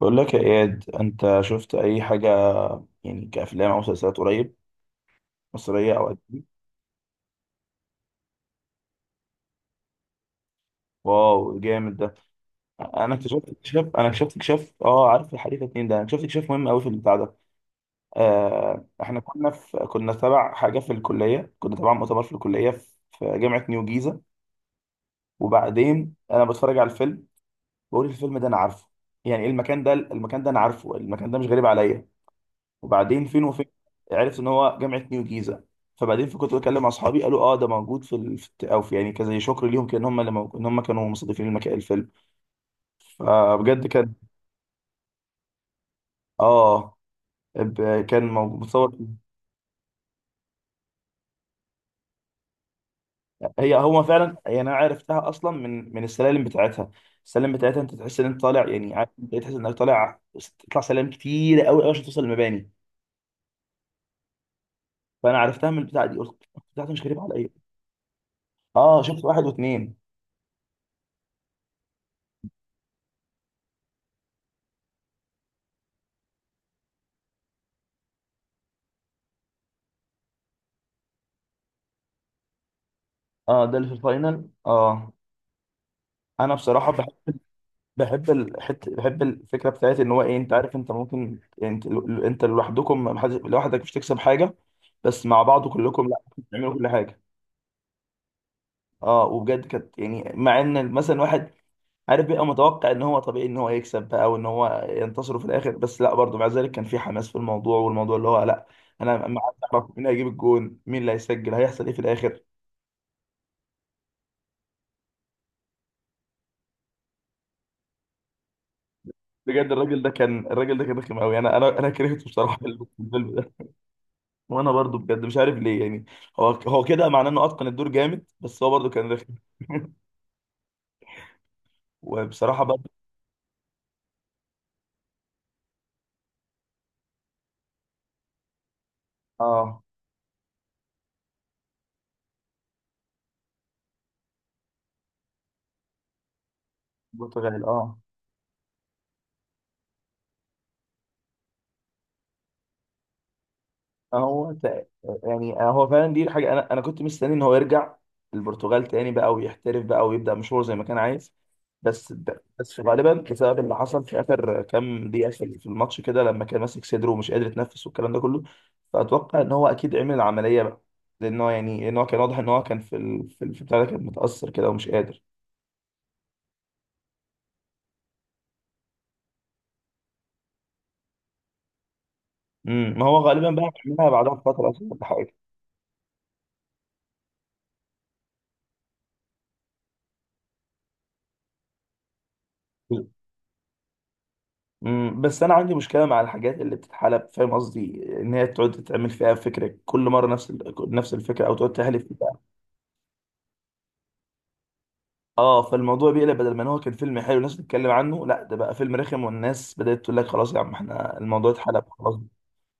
بقول لك يا إياد، أنت شفت أي حاجة يعني كأفلام أو مسلسلات قريب، مصرية أو أجنبي؟ واو، جامد ده. أنا اكتشفت اكتشاف أه عارف الحديث اتنين ده؟ أنا اكتشفت اكتشاف مهم أوي في البتاع ده. إحنا كنا تبع حاجة في الكلية، كنا تبع مؤتمر في الكلية في جامعة نيو جيزة. وبعدين أنا بتفرج على الفيلم، بقول الفيلم ده أنا عارفه، يعني إيه؟ المكان ده أنا عارفه، المكان ده مش غريب عليا. وبعدين فين وفين؟ عرفت ان هو جامعه نيو جيزه. فبعدين كنت بكلم مع اصحابي، قالوا اه ده موجود في ال... في الت- او في يعني كزي شكر ليهم، كان هم ان هم كانوا مستضيفين المكان الفيلم. فبجد كان، اه كان موجود متصور. هو فعلا، يعني انا عرفتها اصلا من السلالم بتاعتها. السلالم بتاعتها انت تحس ان انت طالع، يعني عارف، انت تحس انك طالع، تطلع سلالم كتير قوي قوي عشان توصل المباني. فانا عرفتها من البتاعه دي، قلت بتاعتها مش غريبه عليا. اه شفت واحد واثنين. اه ده اللي في الفاينل، اه. انا بصراحه بحب الحتة، بحب الفكرة بتاعت إن هو إيه، أنت عارف أنت ممكن يعني، أنت أنت لوحدكم، لوحدك مش تكسب حاجة، بس مع بعض كلكم لا، بتعملوا كل حاجة. أه، وبجد كانت يعني، مع إن مثلا واحد عارف بيبقى متوقع إن هو طبيعي إن هو يكسب بقى وإن هو ينتصر في الآخر، بس لا برضه مع ذلك كان في حماس في الموضوع، والموضوع اللي هو لا، أنا ما عارف أعرف مين هيجيب الجون، مين اللي هيسجل، هيحصل إيه في الآخر. بجد الراجل ده كان رخم أوي، أنا كرهته بصراحة في الفيلم ده. وانا برضو بجد مش عارف ليه، يعني هو كده معناه انه اتقن الدور جامد، بس هو برضو كان رخم. وبصراحه برضو. اه البرتغال، اه. هو تق- يعني هو فعلا دي حاجه، انا كنت مستني ان هو يرجع البرتغال تاني بقى ويحترف بقى ويبدا مشوار زي ما كان عايز. بس بس غالبا بسبب اللي حصل في اخر كام دقيقه في الماتش كده، لما كان ماسك صدره ومش قادر يتنفس والكلام ده كله، فاتوقع ان هو اكيد عمل العمليه بقى، لان هو يعني ان هو كان واضح ان هو كان في بتاع ده، كان متاثر كده ومش قادر. امم، ما هو غالبا بقى بعملها بعدها بفتره اصلا ولا حاجه. امم، بس انا عندي مشكله مع الحاجات اللي بتتحلب، فاهم قصدي؟ ان هي تقعد تتعمل فيها فكره كل مره، نفس الفكره، او تقعد تهلف فيها. اه، فالموضوع بيقلب، بدل ما إن هو كان فيلم حلو الناس بتتكلم عنه، لا ده بقى فيلم رخم والناس بدات تقول لك خلاص يا عم، احنا الموضوع اتحلب خلاص.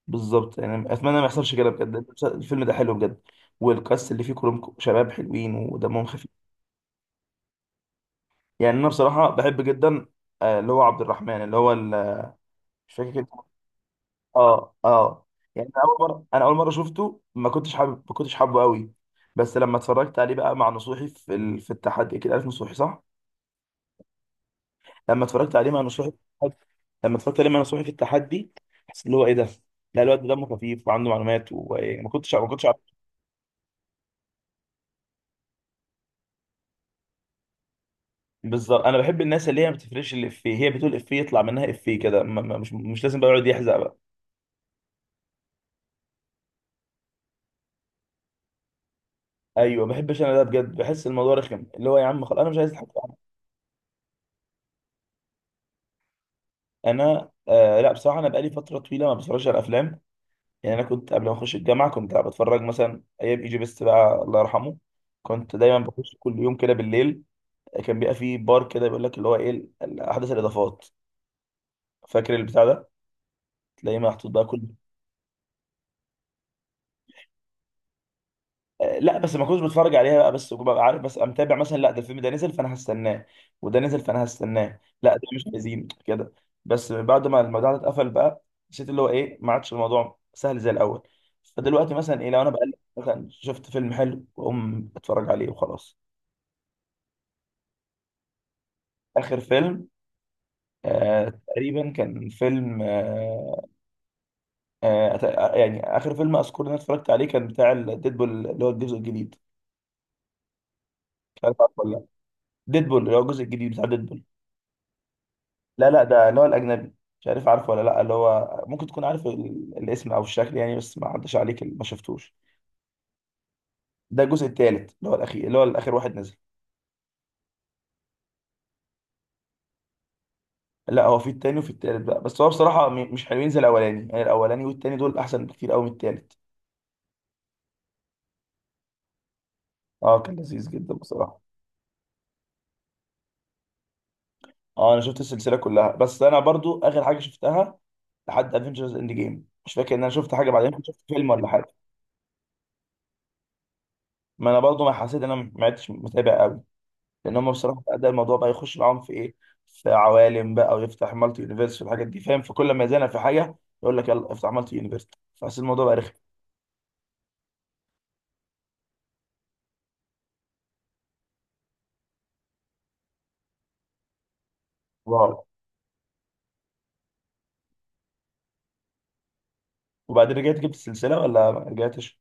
بالظبط، يعني اتمنى ما يحصلش كده، بجد الفيلم ده حلو بجد، والكاست اللي فيه كلهم شباب حلوين ودمهم خفيف. يعني انا بصراحه بحب جدا آه، اللي هو عبد الرحمن، مش فاكر. اه اه. يعني انا اول مره شفته ما كنتش حابب، ما كنتش حابه قوي. بس لما اتفرجت عليه بقى مع نصوحي في التحدي، اكيد عارف نصوحي صح؟ لما اتفرجت عليه مع نصوحي في التحدي لما اتفرجت عليه مع نصوحي في التحدي، حسيت اللي هو ايه ده، لا الواد ده دمه خفيف وعنده معلومات، وما كنتش ما كنتش عارف. بالظبط، انا بحب الناس اللي هي ما بتفرقش الافيه، هي بتقول افيه يطلع منها افيه كده، مش لازم بقى يقعد يحزق بقى. ايوه، ما بحبش انا ده، بجد بحس الموضوع رخم، اللي هو يا عم خلاص، انا مش عايز اضحك. انا آه لا بصراحه انا بقالي فتره طويله ما بتفرجش على افلام. يعني انا كنت قبل ما اخش الجامعه كنت بتفرج مثلا ايام ايجي بيست بقى، الله يرحمه. كنت دايما بخش كل يوم كده بالليل. كان بيبقى فيه بار كده بيقول لك اللي هو ايه، احدث الاضافات، فاكر البتاع ده؟ تلاقيه محطوط بقى كل آه، لا بس ما كنتش بتفرج عليها بقى، بس كنت ببقى عارف بس، متابع مثلا، لا ده الفيلم ده نزل فانا هستناه، وده نزل فانا هستناه، لا ده مش عايزين كده. بس بعد ما الموضوع ده اتقفل بقى، حسيت اللي هو ايه، ما عادش الموضوع سهل زي الاول. فدلوقتي مثلا ايه، لو انا بقلب مثلا شفت فيلم حلو واقوم اتفرج عليه وخلاص. آخر فيلم، آه تقريبا كان فيلم آه آه، يعني آخر فيلم أذكر إن أنا اتفرجت عليه كان بتاع ديدبول، اللي هو الجزء الجديد. مش عارف عارفه ولا لأ؟ ديدبول، اللي هو الجزء الجديد بتاع ديدبول. لا، ده اللي هو الأجنبي. مش عارف عارفه ولا لأ، اللي هو ممكن تكون عارف الاسم أو الشكل يعني، بس ما عداش عليك ما شفتوش. ده الجزء التالت، اللي هو الأخير، اللي هو الآخر واحد نزل. لا، هو في التاني وفي التالت بقى، بس هو بصراحة مش حلوين زي الأولاني، يعني الأولاني والتاني دول أحسن بكتير أوي من التالت. اه كان لذيذ جدا بصراحة. اه انا شفت السلسله كلها، بس انا برضو اخر حاجه شفتها لحد افنجرز اند جيم، مش فاكر ان انا شفت حاجه بعدين، كنت شفت فيلم ولا حاجه. ما انا برضو ما حسيت ان انا ما عدتش متابع قوي، لان هم بصراحه ده الموضوع بقى يخش معاهم في ايه، في عوالم بقى، ويفتح مالتي يونيفرس في الحاجات دي، فاهم؟ فكل ما يزنق في حاجه يقول لك يلا افتح مالتي يونيفرس، فحسيت الموضوع بقى رخم. واو. وبعدين رجعت جبت السلسله ولا ما رجعتش؟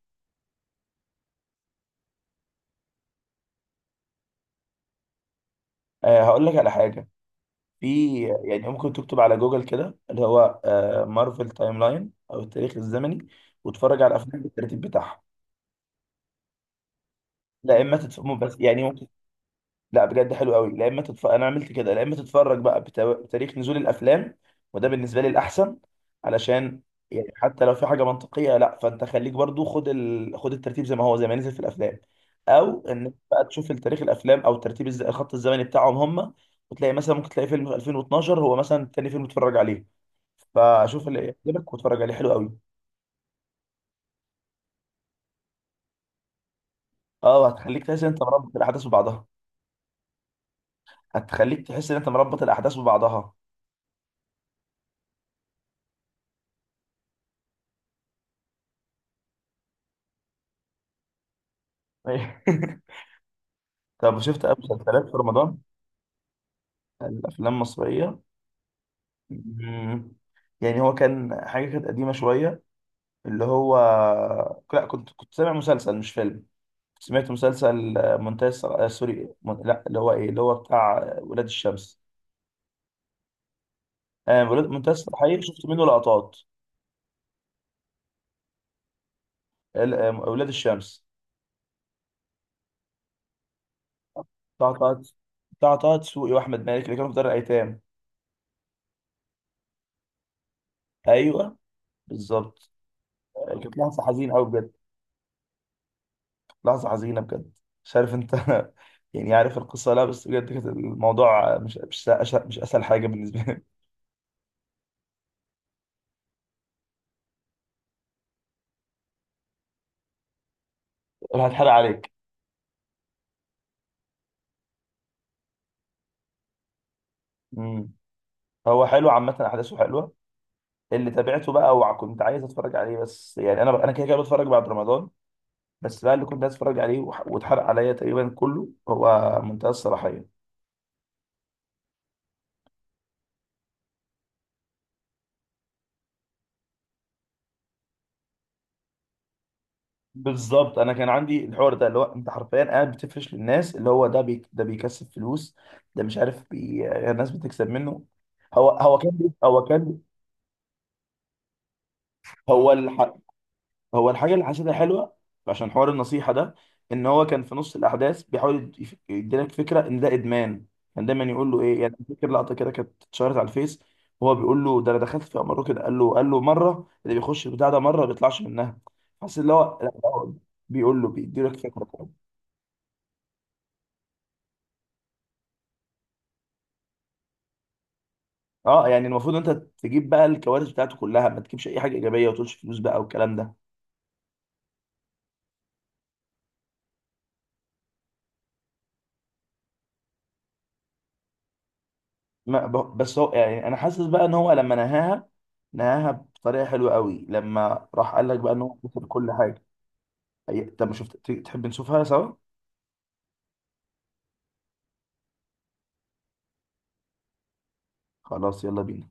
آه هقول لك على حاجه، في يعني ممكن تكتب على جوجل كده اللي هو آه، مارفل تايم لاين او التاريخ الزمني، وتتفرج على الافلام بالترتيب بتاعها. لا اما تتفرج بس يعني، ممكن. لا بجد حلو قوي، لا اما تتفرج، انا عملت كده، لا اما تتفرج بقى بتاريخ نزول الافلام، وده بالنسبه لي الاحسن، علشان يعني حتى لو في حاجه منطقيه لا، فانت خليك برضو خد خد الترتيب زي ما هو، زي ما نزل في الافلام، او ان بقى تشوف تاريخ الافلام او ترتيب الخط الزمني بتاعهم هم. وتلاقي مثلا، ممكن تلاقي فيلم 2012 هو مثلا تاني فيلم تتفرج عليه، فاشوف اللي يعجبك واتفرج عليه، حلو قوي. اه، هتخليك تحس ان انت مربط الاحداث ببعضها. هتخليك تحس ان انت مربط الاحداث ببعضها أيوة. طب شفت أي مسلسلات في رمضان؟ الافلام المصريه. مم. يعني هو كان حاجه كانت قديمه شويه، اللي هو، لا كنت سامع مسلسل مش فيلم. سمعت مسلسل آه، منتهى الصلاحيه، آه سوري، لا اللي هو ايه، اللي هو بتاع آه، ولاد الشمس. آه منتهى الصلاحيه شفت منه لقطات. ولاد الشمس بتاع طه، طه دسوقي واحمد مالك اللي كانوا في دار الايتام. ايوه بالظبط. كانت لحظه حزينه قوي بجد، لحظه حزينه بجد. مش عارف انت. يعني عارف القصه، لا بس بجد كانت الموضوع، مش اسهل حاجه بالنسبه لي. أنا هتحرق عليك. امم. هو حلو عامه، احداثه حلوه، اللي تابعته بقى وكنت عايز اتفرج عليه، بس يعني انا انا كده كده بتفرج بعد رمضان، بس بقى اللي كنت عايز اتفرج عليه واتحرق عليا تقريبا كله هو منتهى الصلاحيه. بالظبط، انا كان عندي الحوار ده، اللي هو انت حرفيا قاعد بتفرش للناس اللي هو ده، ده بيكسب فلوس، ده مش عارف، الناس بتكسب منه. هو كان. هو الح... هو الحاجه اللي حسيتها حلوه عشان حوار النصيحه ده، ان هو كان في نص الاحداث بيحاول يديلك فكره ان ده ادمان. كان دايما يقول له ايه، يعني فاكر لقطه كده كانت اتشهرت على الفيس، وهو بيقول له ده انا دخلت في امره كده، قال له قال له مره اللي بيخش البتاع ده مره ما بيطلعش منها، حاسس اللي هو لا، هو بيقول له، بيديلك فكره. اه يعني المفروض انت تجيب بقى الكوارث بتاعته كلها، ما تجيبش اي حاجه ايجابيه وتقولش فلوس بقى والكلام ده. ما ب- بس هو يعني انا حاسس بقى ان هو لما نهاها، نهاها بطريقه حلوه قوي لما راح قال لك بقى ان هو بياخد كل حاجه. طب ما شفت، تحب نشوفها سوا؟ خلاص يلا بينا.